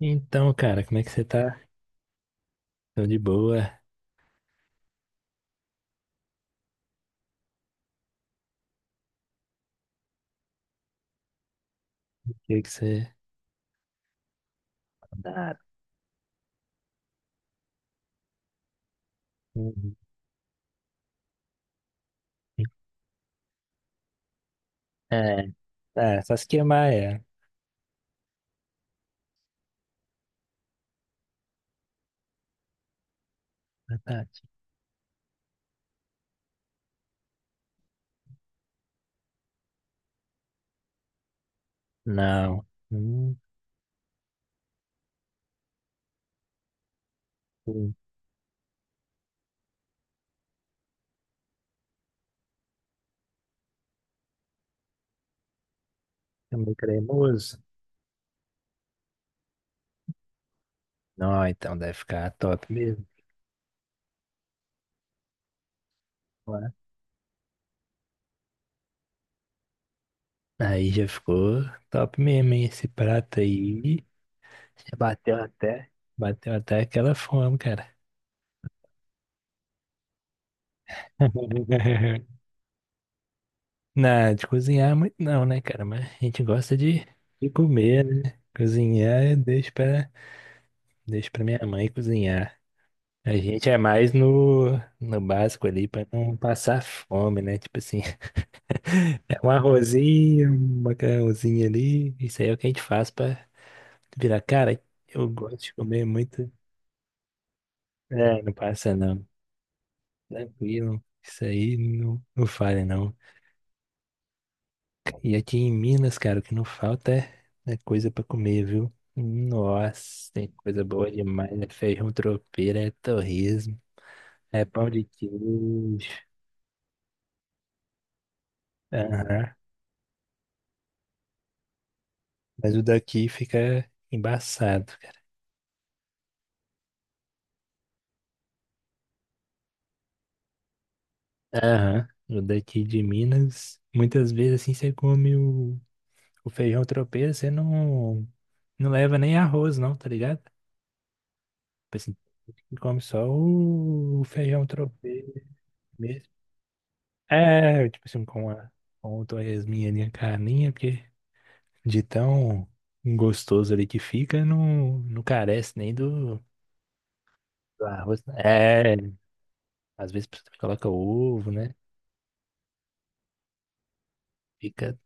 Então, cara, como é que você tá? Tô de boa. O que é que você. Tá. Uhum. É, tá, só se queimar, é. Verdade. Não. Hum, hum, é meio cremoso. Não, então deve ficar top mesmo. Ué. Aí já ficou top mesmo, hein? Esse prato aí. Já bateu até. Bateu até aquela fome, cara. Não, de cozinhar é muito não, né, cara? Mas a gente gosta de comer, né? Cozinhar, deixa pra. Deixo pra minha mãe cozinhar. A gente é mais no, no básico ali pra não passar fome, né? Tipo assim, é um arrozinho, um macarrãozinho ali. Isso aí é o que a gente faz pra virar. Cara, eu gosto de comer muito. É, não passa não. Tranquilo. Isso aí não, não falha não. E aqui em Minas, cara, o que não falta é é coisa pra comer, viu? Nossa, tem coisa boa demais. É feijão tropeiro, é torresmo, é pão de queijo. Aham. Mas o daqui fica embaçado, cara. Aham. O daqui de Minas, muitas vezes assim você come o feijão tropeiro, você não, não leva nem arroz, não, tá ligado? Tipo assim, come só o feijão tropeiro mesmo. É, tipo assim, com a, com o torresminho ali, a carninha, porque de tão gostoso ali que fica, não, não carece nem do, do arroz. Né? É, às vezes você coloca ovo, né? Fica.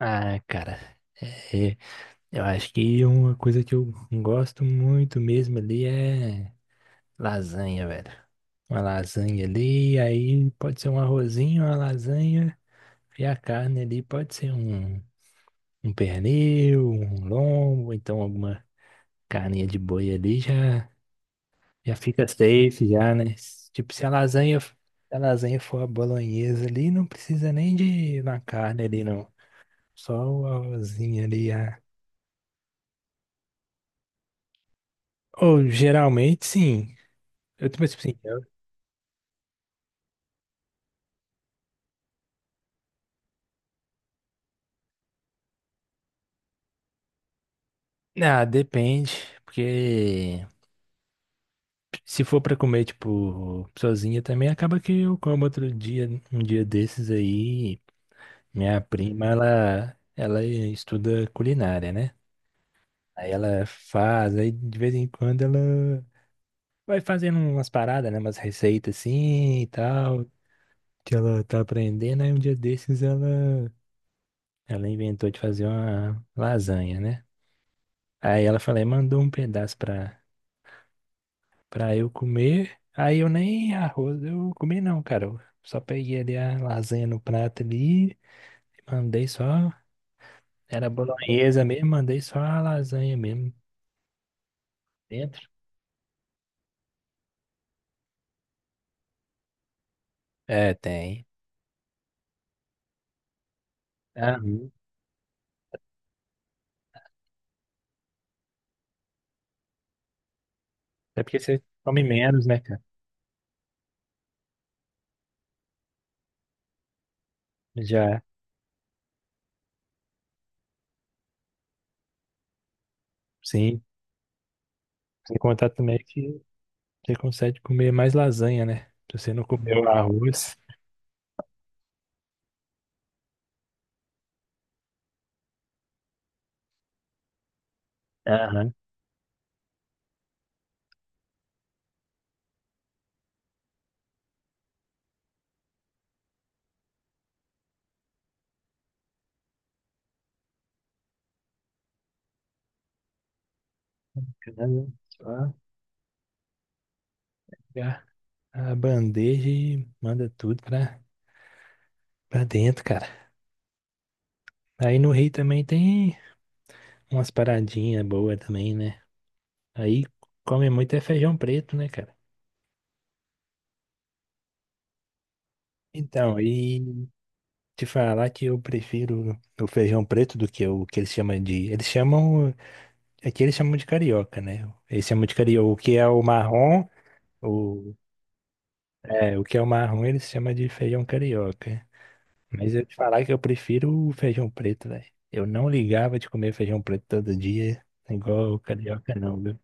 Ah, cara, é, eu acho que uma coisa que eu gosto muito mesmo ali é lasanha, velho. Uma lasanha ali, aí pode ser um arrozinho, uma lasanha, e a carne ali pode ser um, um pernil, um lombo, então alguma carninha de boi ali já, já fica safe já, né? Tipo, se a lasanha, se a lasanha for a bolonhesa ali, não precisa nem de na carne ali, não. Só o arrozinho ali. Ou geralmente sim. Eu também, tipo assim, eu- ah, depende, porque se for pra comer, tipo, sozinha também, acaba que eu como outro dia, um dia desses aí, minha prima, ela estuda culinária, né? Aí ela faz, aí de vez em quando ela vai fazendo umas paradas, né? Umas receitas assim e tal, que ela tá aprendendo, aí um dia desses ela, ela inventou de fazer uma lasanha, né? Aí ela falou, mandou um pedaço pra pra eu comer. Aí eu nem arroz eu comi não, cara. Eu só peguei ali a lasanha no prato ali, mandei só, era bolonhesa mesmo, mandei só a lasanha mesmo dentro. É, tem. Uhum. É porque você come menos, né, cara? Já, sim. Sem contar também que você consegue comer mais lasanha, né? Se você não comeu arroz. Aham. Só pegar a bandeja e manda tudo pra, pra dentro, cara. Aí no Rio também tem umas paradinhas boas também, né? Aí come muito é feijão preto, né, cara? Então, e te falar que eu prefiro o feijão preto do que o que eles chamam de. Eles chamam. Aqui eles chamam de carioca, né? Eles chamam de carioca. O que é o marrom, o, é, o que é o marrom eles chamam de feijão carioca. Mas eu te falar que eu prefiro o feijão preto, velho. Eu não ligava de comer feijão preto todo dia, igual o carioca, não, viu?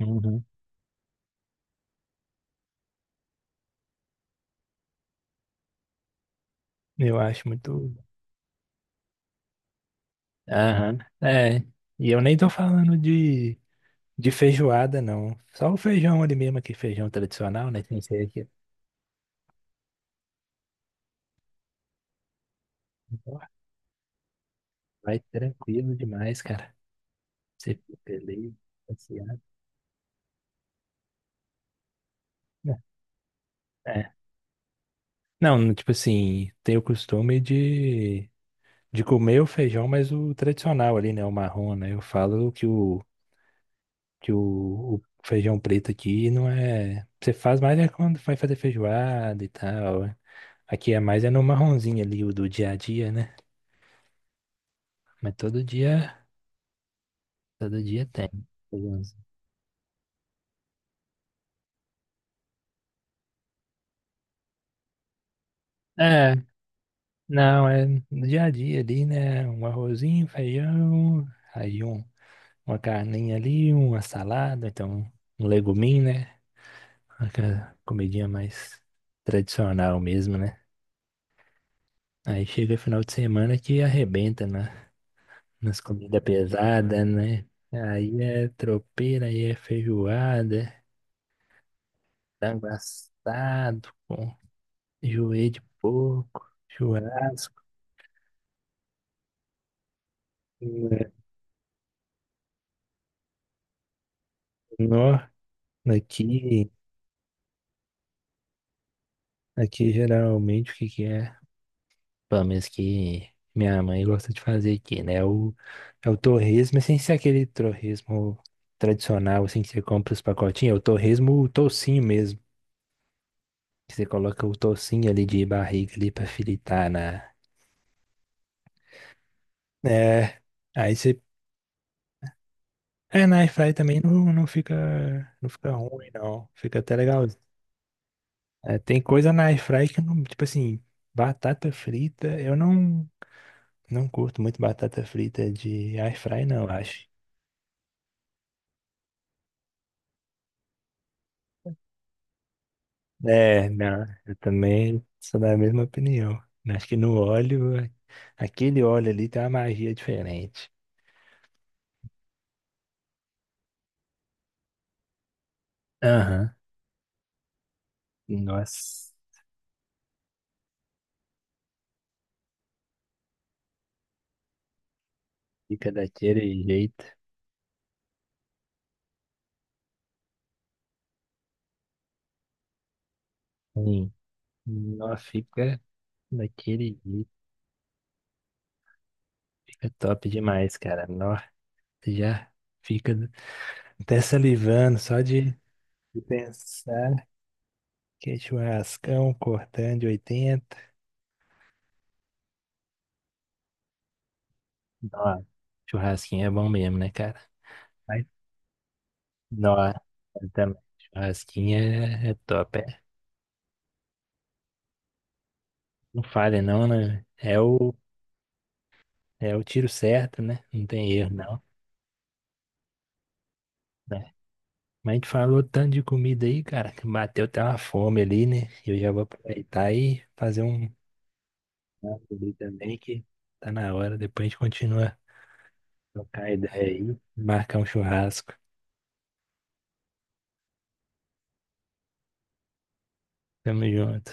Uhum. Eu acho muito. Aham. É. E eu nem tô falando de feijoada, não. Só o feijão ali mesmo, aqui, feijão tradicional, né? Sem ser aqui. Ó, vai tranquilo demais, cara. Você fica ali, passeado. Né? É. Não, tipo assim, tenho o costume de comer o feijão, mas o tradicional ali, né? O marrom, né? Eu falo que o feijão preto aqui não é. Você faz mais é quando vai fazer feijoada e tal. Aqui é mais é no marronzinho ali, o do dia a dia, né? Mas todo dia tem. Segurança. É, não, é no dia a dia ali, né? Um arrozinho, um feijão, aí um, uma carninha ali, uma salada, então um um leguminho, né? Aquela comidinha mais tradicional mesmo, né? Aí chega final de semana que arrebenta na, nas comidas pesadas, né? Aí é tropeira, aí é feijoada, frango assado com joelho de porco, churrasco. Nó, aqui, aqui geralmente o que que é? Pelo menos que minha mãe gosta de fazer aqui, né? O, é o torresmo, mas sem ser aquele torresmo tradicional, assim, que você compra os pacotinhos. É o torresmo, o toucinho mesmo. Que você coloca o toucinho ali de barriga ali pra fritar na... É, aí você... É, na air fry também não, não fica, não fica ruim, não. Fica até legal. É, tem coisa na air fry que não, tipo assim, batata frita, eu não. Não curto muito batata frita de air fry, não, acho. É, não, eu também sou da mesma opinião. Acho que no óleo, aquele óleo ali tem uma magia diferente. Aham. Nossa, fica daquele jeito. Sim. Nossa, fica daquele jeito. Fica top demais, cara. Nossa, já fica até salivando só de pensar que é churrascão cortando de 80. Nossa, churrasquinho é bom mesmo, né, cara? Nossa, também. Churrasquinho é, é top. É. Não falha, não, né? É o, é o tiro certo, né? Não tem erro, não. né? Mas a gente falou tanto de comida aí, cara, que bateu até uma fome ali, né? Eu já vou aproveitar e fazer um prato ali também, que tá na hora. Depois a gente continua a trocar ideia aí, marcar um churrasco. Tamo junto.